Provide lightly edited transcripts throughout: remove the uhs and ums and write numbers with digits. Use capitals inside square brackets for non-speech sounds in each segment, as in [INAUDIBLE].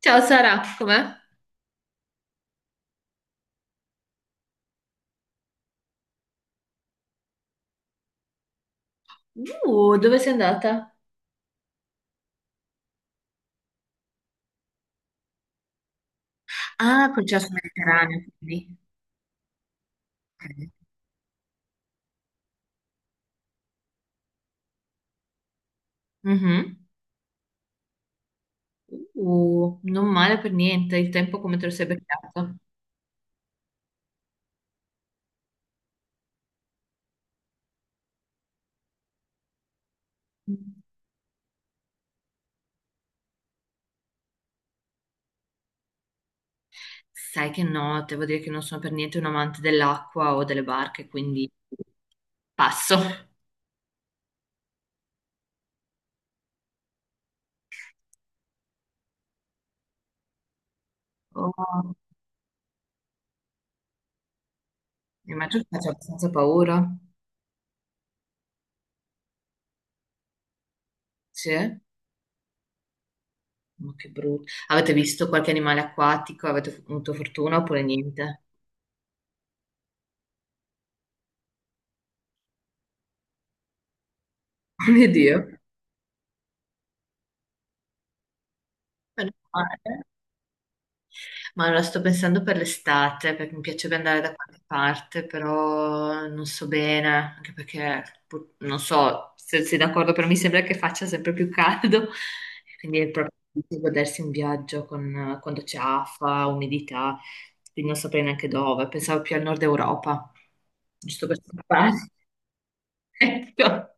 Ciao Sara, com'è? Dove sei andata? Ah, col cesso mediterraneo, quindi. Ok. Mhm. Non male per niente, il tempo come te lo sei beccato? Sai che no, devo dire che non sono per niente un amante dell'acqua o delle barche, quindi passo. Oh, immagino che faccia abbastanza paura. Sì? Ma che brutto. Avete visto qualche animale acquatico? Avete avuto fortuna oppure niente? [LAUGHS] mio Dio. Meno male. Ma la sto pensando per l'estate, perché mi piacerebbe andare da qualche parte, però non so bene, anche perché non so se sei d'accordo, però mi sembra che faccia sempre più caldo, [LAUGHS] e quindi è proprio difficile godersi un viaggio con, quando c'è afa, umidità, quindi non saprei neanche dove, pensavo più al nord Europa, giusto per scappare. [LAUGHS] Ecco,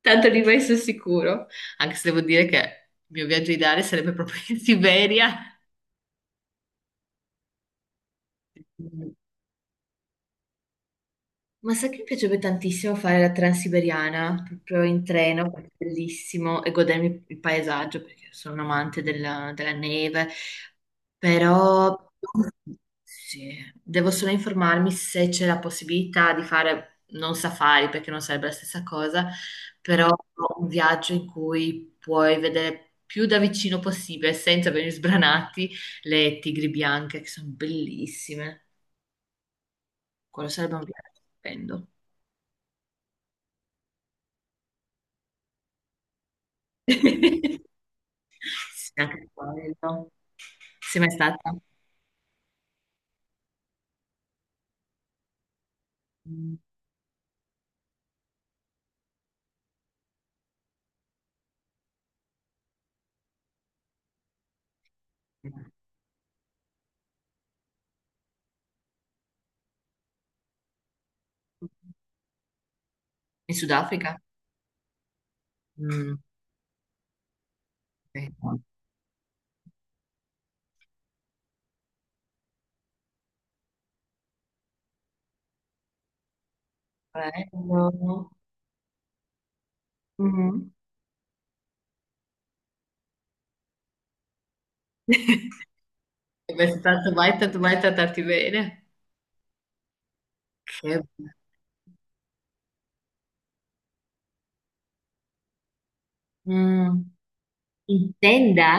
tanto lì vai sul sicuro, anche se devo dire che il mio viaggio ideale sarebbe proprio in Siberia. Ma sai che mi piacerebbe tantissimo fare la Transiberiana proprio in treno, perché è bellissimo, e godermi il paesaggio perché sono un amante della neve, però sì, devo solo informarmi se c'è la possibilità di fare non safari perché non sarebbe la stessa cosa, però un viaggio in cui puoi vedere più da vicino possibile, senza venire sbranati, le tigri bianche che sono bellissime. Quello sarebbe un viaggio stupendo. [LAUGHS] Sì, anche quello. Sei mai stata? Mm. In Sudafrica? Mm. Ok. Bello. Mm. [LAUGHS] Sei mai stato mai, tanto mai trattarti bene? Che... Mm. In tenda?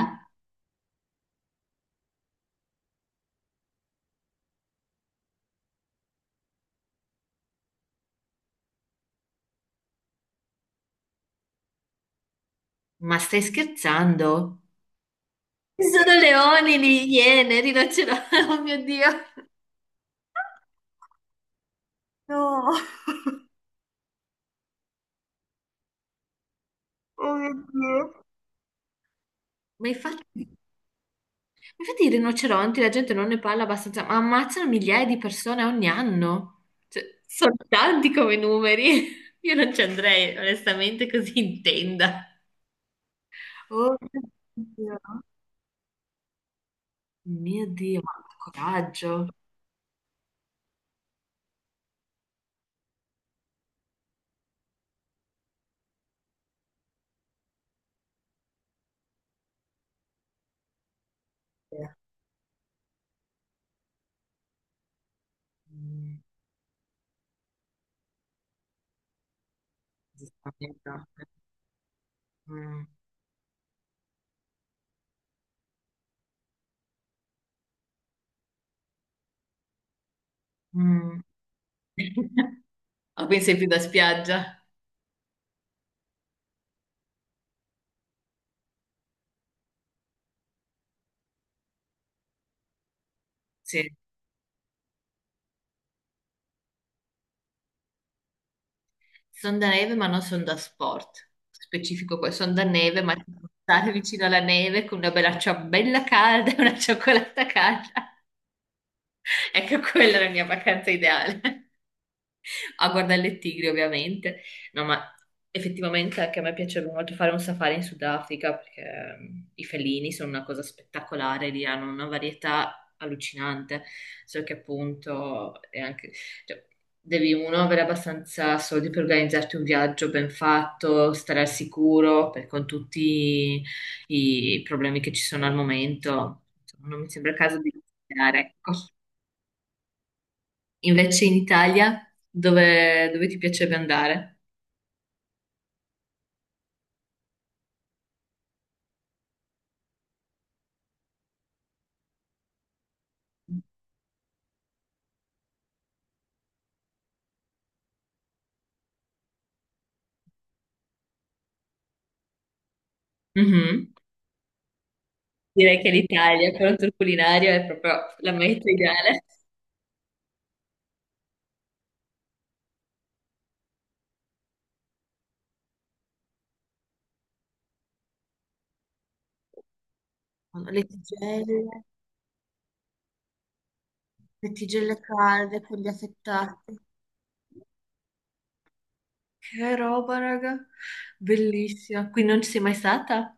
Ma stai scherzando? Ci sono leoni, lì, iene, rinoceronti, [LAUGHS] oh mio Dio. No, [LAUGHS] oh mio Dio. Ma infatti, infatti i rinoceronti, la gente non ne parla abbastanza, ma ammazzano migliaia di persone ogni anno. Cioè, sono tanti come numeri. [LAUGHS] Io non ci andrei, onestamente, così in tenda. Oh mio Dio, mio Dio, ma che coraggio. Eh, mm, giustamente. Mm, mm. [LAUGHS] Ah, quindi sei più da spiaggia. Sì. Sono da neve, ma non sono da sport. Specifico poi, sono da neve, ma ci può stare vicino alla neve con una bella ciambella calda [LAUGHS] e una cioccolata calda. [LAUGHS] Ecco, quella è la mia vacanza ideale a guardare il tigri ovviamente. No, ma effettivamente anche a me piacerebbe molto fare un safari in Sudafrica perché i felini sono una cosa spettacolare, lì hanno una varietà allucinante, so che appunto è anche... cioè, devi uno avere abbastanza soldi per organizzarti un viaggio ben fatto, stare al sicuro, con tutti i problemi che ci sono al momento. Insomma, non mi sembra il caso di iniziare. Ecco. Invece in Italia, dove ti piacerebbe andare? Mhm. Direi che l'Italia per un tour culinario è proprio la meta ideale. Le tigelle, le tigelle calde con gli affettati. Che roba, raga. Bellissima. Qui non ci sei mai stata?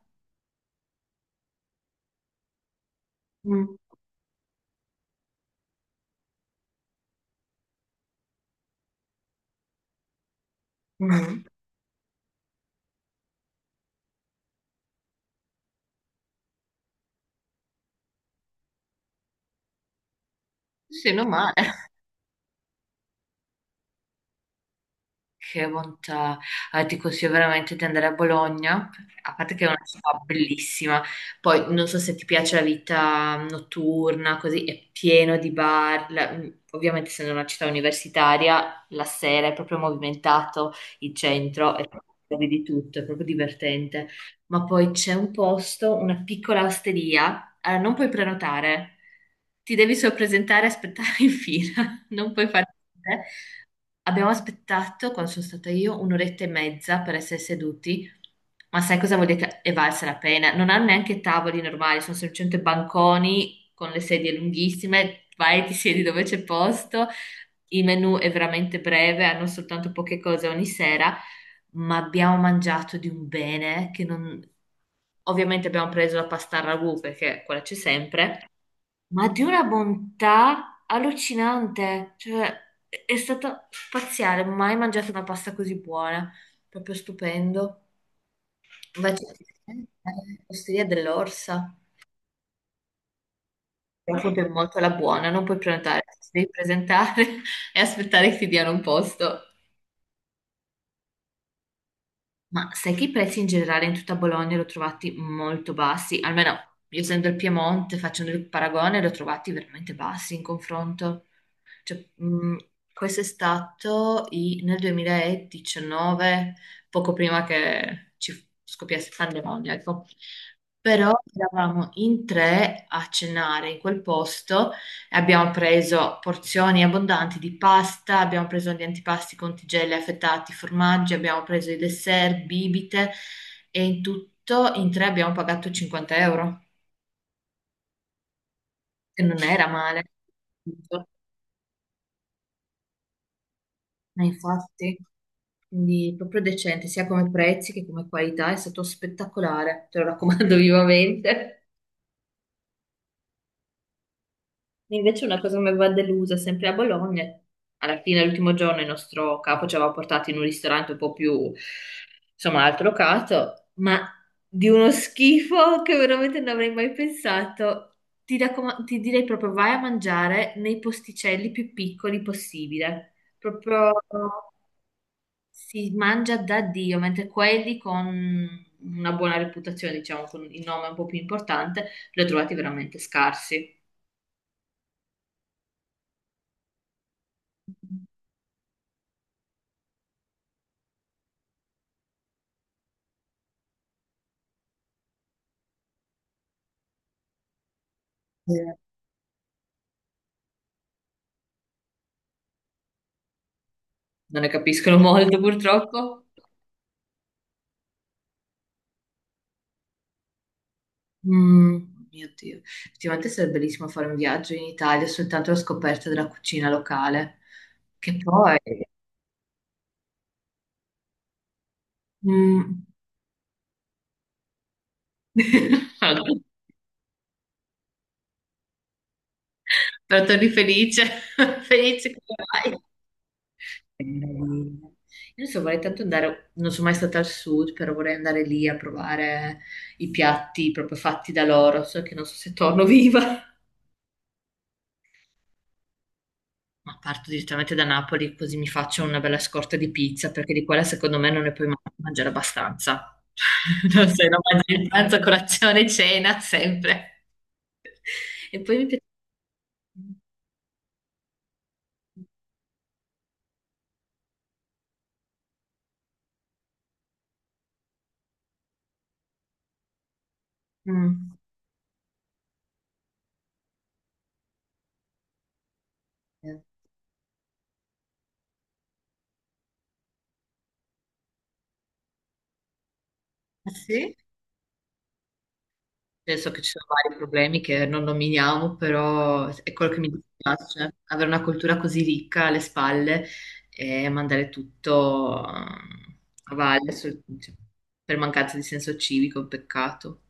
Mm. Mm. Sì, non male. Che bontà. Ti consiglio veramente di andare a Bologna, a parte che è una città bellissima, poi non so se ti piace la vita notturna, così è pieno di bar, ovviamente essendo una città universitaria, la sera è proprio movimentato, il centro è trovi di tutto, è proprio divertente, ma poi c'è un posto, una piccola osteria, non puoi prenotare, ti devi solo presentare e aspettare in fila, [LAUGHS] non puoi fare niente. Abbiamo aspettato, quando sono stata io, un'oretta e mezza per essere seduti, ma sai cosa vuol dire che è valsa la pena? Non hanno neanche tavoli normali, sono semplicemente banconi con le sedie lunghissime, vai e ti siedi dove c'è posto, il menù è veramente breve, hanno soltanto poche cose ogni sera, ma abbiamo mangiato di un bene che non... Ovviamente abbiamo preso la pasta al ragù perché quella c'è sempre, ma di una bontà allucinante, cioè è stato spaziale, mai mangiato una pasta così buona, proprio stupendo. Invece l'osteria dell'Orsa, però proprio molto alla buona, non puoi prenotare, ti devi presentare [LAUGHS] e aspettare che ti diano un posto. Ma sai che i prezzi in generale in tutta Bologna li ho trovati molto bassi, almeno io essendo il Piemonte, facendo il paragone, li ho trovati veramente bassi in confronto. Cioè, questo è stato nel 2019, poco prima che ci scoppiasse la pandemia, ecco. Però eravamo in tre a cenare in quel posto e abbiamo preso porzioni abbondanti di pasta, abbiamo preso gli antipasti con tigelle affettati, formaggi, abbiamo preso i dessert, bibite e in tutto in tre abbiamo pagato 50 euro, che non era male. Ma infatti, quindi proprio decente, sia come prezzi che come qualità, è stato spettacolare, te lo raccomando [LAUGHS] vivamente. E invece una cosa che mi aveva delusa, sempre a Bologna, alla fine, l'ultimo giorno, il nostro capo ci aveva portato in un ristorante un po' più, insomma, alto locato, ma di uno schifo che veramente non avrei mai pensato. Ti direi proprio vai a mangiare nei posticelli più piccoli possibile. Proprio... si mangia da Dio, mentre quelli con una buona reputazione, diciamo, con il nome un po' più importante, li ho trovati veramente scarsi. Eh, Non ne capiscono molto, purtroppo. Mm, mio Dio, effettivamente sarebbe bellissimo fare un viaggio in Italia soltanto alla scoperta della cucina locale, che poi... mm, [LAUGHS] però torni felice, [LAUGHS] felice come vai. Meraviglia. Io adesso vorrei tanto andare, non sono mai stata al sud, però vorrei andare lì a provare i piatti proprio fatti da loro, so che non so se torno [LAUGHS] viva. Ma parto direttamente da Napoli, così mi faccio una bella scorta di pizza, perché di quella secondo me non ne puoi mangiare abbastanza. [LAUGHS] Non sei no, mangi il pranzo, colazione, cena, sempre. E poi mi piace... Mm. Ah, sì? Penso che ci sono vari problemi che non nominiamo, però è quello che mi dispiace, avere una cultura così ricca alle spalle e mandare tutto cioè, per mancanza di senso civico, è un peccato.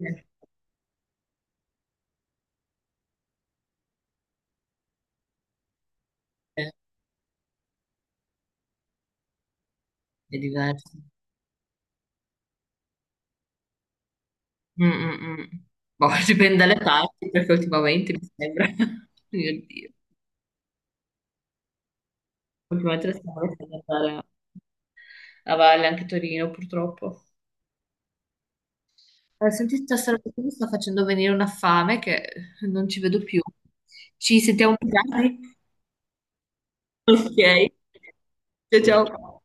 Eh, eh, È diverso. Mm, mm, mm. Boh, [LAUGHS] dipende dalle parti, perché ultimamente mi sembra, [LAUGHS] mio Dio, ultimamente stiamo andare a valle anche Torino, purtroppo. Senti, stasera perché mi sta facendo venire una fame che non ci vedo più. Ci sentiamo più tardi? [LAUGHS] Ok. Ciao ciao.